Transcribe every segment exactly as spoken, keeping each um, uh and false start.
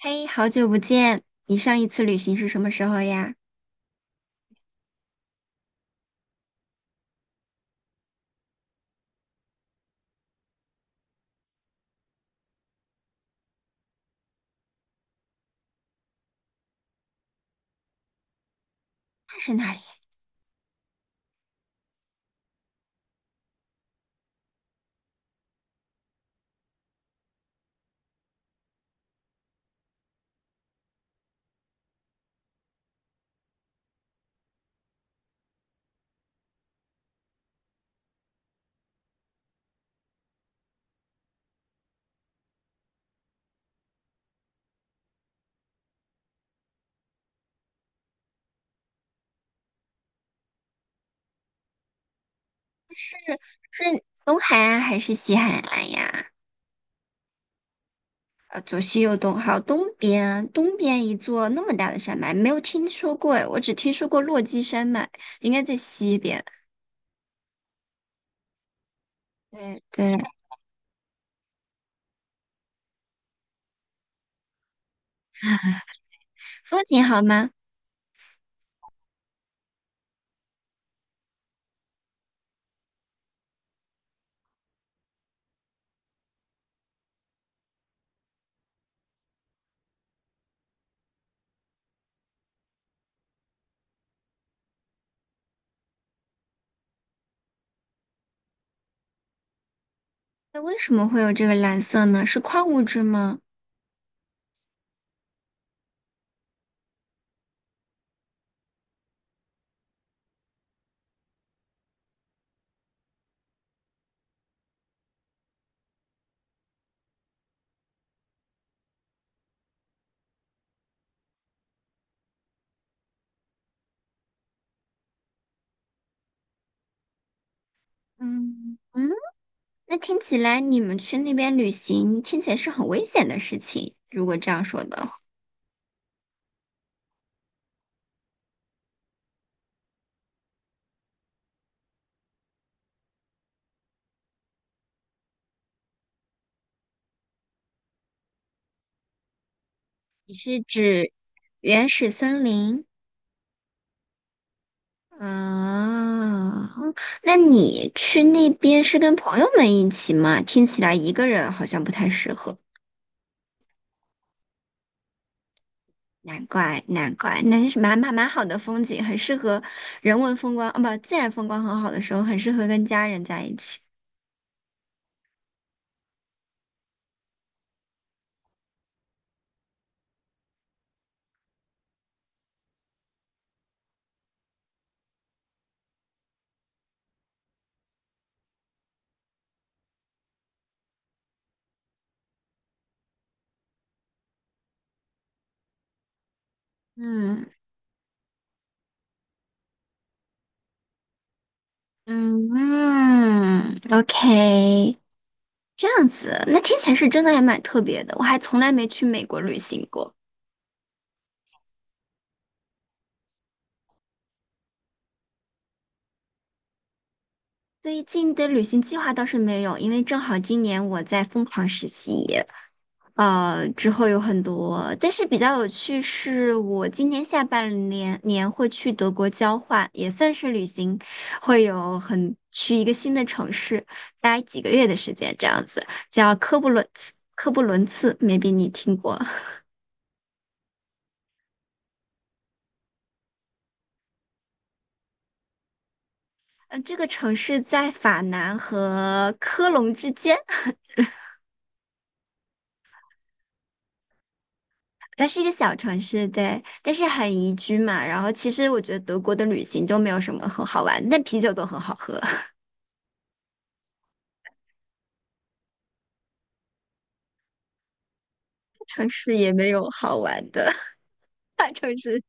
嘿，好久不见！你上一次旅行是什么时候呀？那是哪里？是是东海岸还是西海岸呀？呃，左西右东，好，东边，东边一座那么大的山脉，没有听说过诶，我只听说过落基山脉，应该在西边。对对，风景好吗？那为什么会有这个蓝色呢？是矿物质吗？嗯嗯，那听起来你们去那边旅行，听起来是很危险的事情。如果这样说的话。你是指原始森林啊？那你去那边是跟朋友们一起吗？听起来一个人好像不太适合。难怪，难怪，那是蛮蛮蛮好的风景，很适合人文风光，啊，不，自然风光很好的时候，很适合跟家人在一起。嗯嗯嗯，OK,这样子，那听起来是真的还蛮特别的，我还从来没去美国旅行过。最近的旅行计划倒是没有，因为正好今年我在疯狂实习，呃，之后有很多。但是比较有趣是，我今年下半年年会去德国交换，也算是旅行，会有很去一个新的城市待几个月的时间，这样子叫科布伦茨。科布伦茨，maybe 你听过？嗯，这个城市在法南和科隆之间。它是一个小城市，对，但是很宜居嘛。然后其实我觉得德国的旅行都没有什么很好玩，但啤酒都很好喝，城市也没有好玩的 大城市。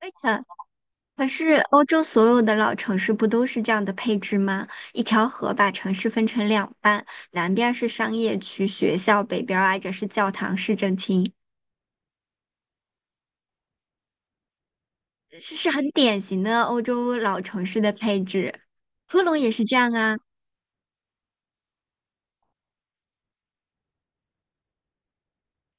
非常。可是欧洲所有的老城市不都是这样的配置吗？一条河把城市分成两半，南边儿是商业区、学校，北边儿挨着是教堂、市政厅，是是很典型的欧洲老城市的配置。科隆也是这样啊。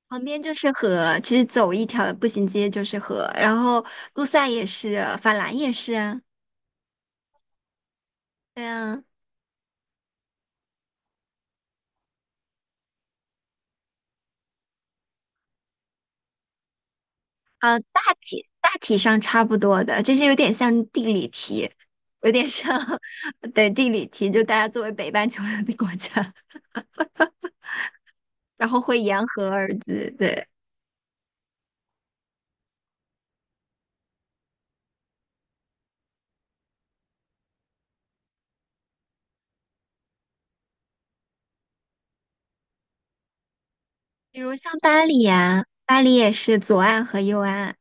旁边就是河，其实走一条步行街就是河，然后路赛也是，法兰也是啊，对啊，啊，大体大体上差不多的，这些有点像地理题，有点像 对地理题，就大家作为北半球的国家，然后会沿河而居，对，比如像巴黎啊，巴黎也是左岸和右岸啊。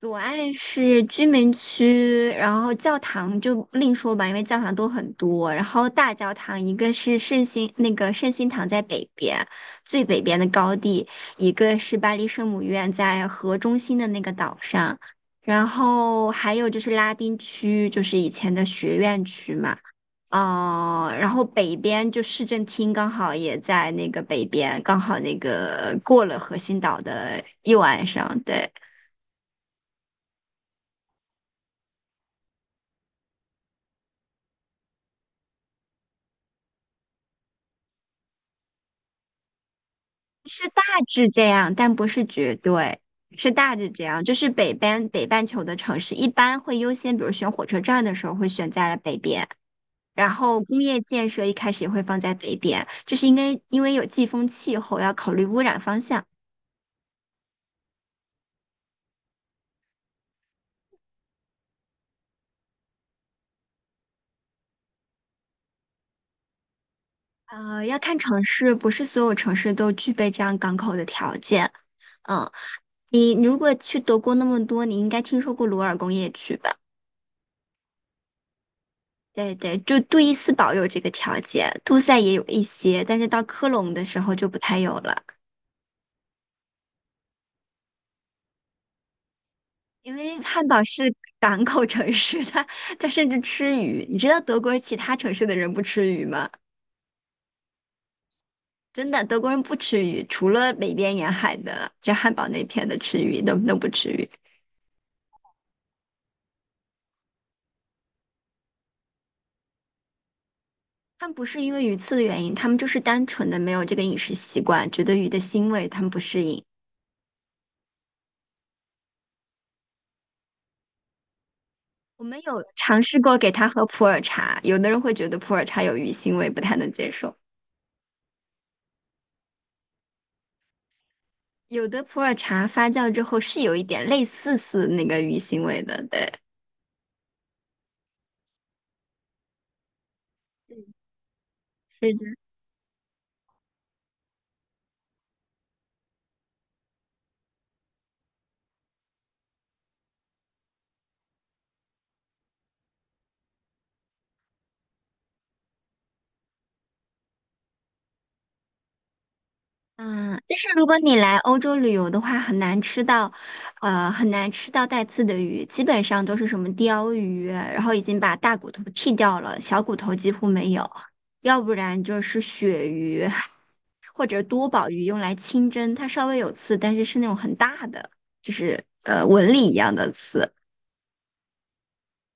左岸是居民区，然后教堂就另说吧，因为教堂都很多。然后大教堂一个是圣心那个圣心堂在北边，最北边的高地，一个是巴黎圣母院在河中心的那个岛上，然后还有就是拉丁区，就是以前的学院区嘛。哦，然后北边就市政厅刚好也在那个北边，刚好那个过了核心岛的右岸上，对。是大致这样，但不是绝对，是大致这样。就是北边北半球的城市一般会优先，比如选火车站的时候会选在了北边，然后工业建设一开始也会放在北边，这是因为因为有季风气候，要考虑污染方向。呃，要看城市，不是所有城市都具备这样港口的条件。嗯，你你如果去德国那么多，你应该听说过鲁尔工业区吧？对对，就杜伊斯堡有这个条件，杜塞也有一些，但是到科隆的时候就不太有了，因为汉堡是港口城市，它它甚至吃鱼。你知道德国其他城市的人不吃鱼吗？真的，德国人不吃鱼，除了北边沿海的，就汉堡那片的吃鱼，都都不吃鱼。他们不是因为鱼刺的原因，他们就是单纯的没有这个饮食习惯，觉得鱼的腥味他们不适应。我们有尝试过给他喝普洱茶，有的人会觉得普洱茶有鱼腥味，不太能接受。有的普洱茶发酵之后是有一点类似似那个鱼腥味的，对。是的，嗯，但是如果你来欧洲旅游的话，很难吃到，呃，很难吃到带刺的鱼，基本上都是什么鲷鱼啊，然后已经把大骨头剔掉了，小骨头几乎没有，要不然就是鳕鱼或者多宝鱼用来清蒸，它稍微有刺，但是是那种很大的，呃，纹理一样的刺，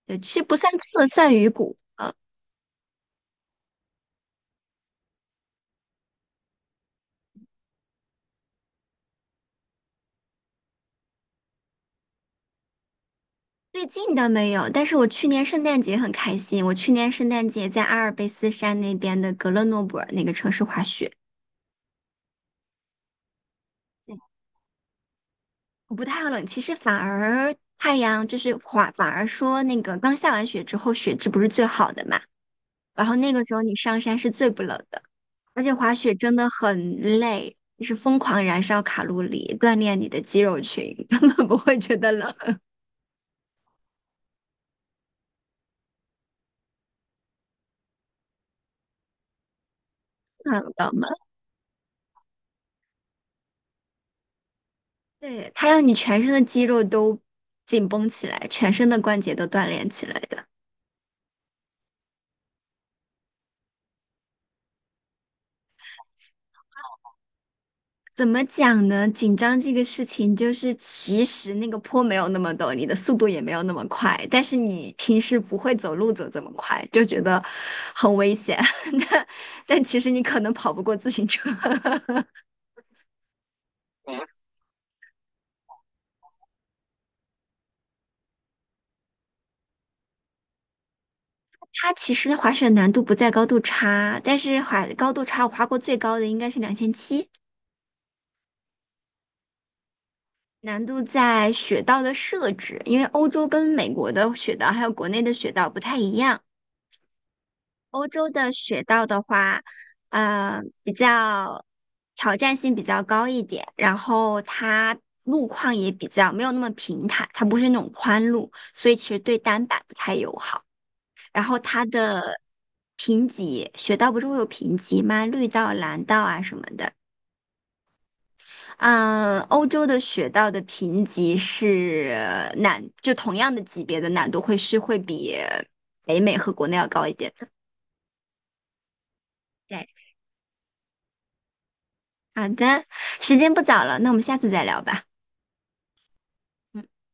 对，其实不算刺，算鱼骨。最近倒没有，但是我去年圣诞节很开心。我去年圣诞节在阿尔卑斯山那边的格勒诺布尔那个城市滑雪，嗯，我不太冷，其实反而太阳就是滑，反而说那个刚下完雪之后，雪质不是最好的嘛，然后那个时候你上山是最不冷的，而且滑雪真的很累，就是疯狂燃烧卡路里，锻炼你的肌肉群，根本不会觉得冷，看不到吗？对，它让你全身的肌肉都紧绷起来，全身的关节都锻炼起来的。怎么讲呢？紧张这个事情，就是其实那个坡没有那么陡，你的速度也没有那么快，但是你平时不会走路走这么快，就觉得很危险。但但其实你可能跑不过自行车。它其实滑雪难度不在高度差，但是滑高度差，我滑过最高的应该是两千七，难度在雪道的设置，因为欧洲跟美国的雪道还有国内的雪道不太一样。欧洲的雪道的话，呃，比较挑战性比较高一点，然后它路况也比较没有那么平坦，它不是那种宽路，所以其实对单板不太友好。然后它的评级，雪道不是会有评级吗？绿道、蓝道啊什么的。嗯，欧洲的雪道的评级是呃难，就同样的级别的难度会是会比北美和国内要高一点的。对，好的，时间不早了，那我们下次再聊吧。嗯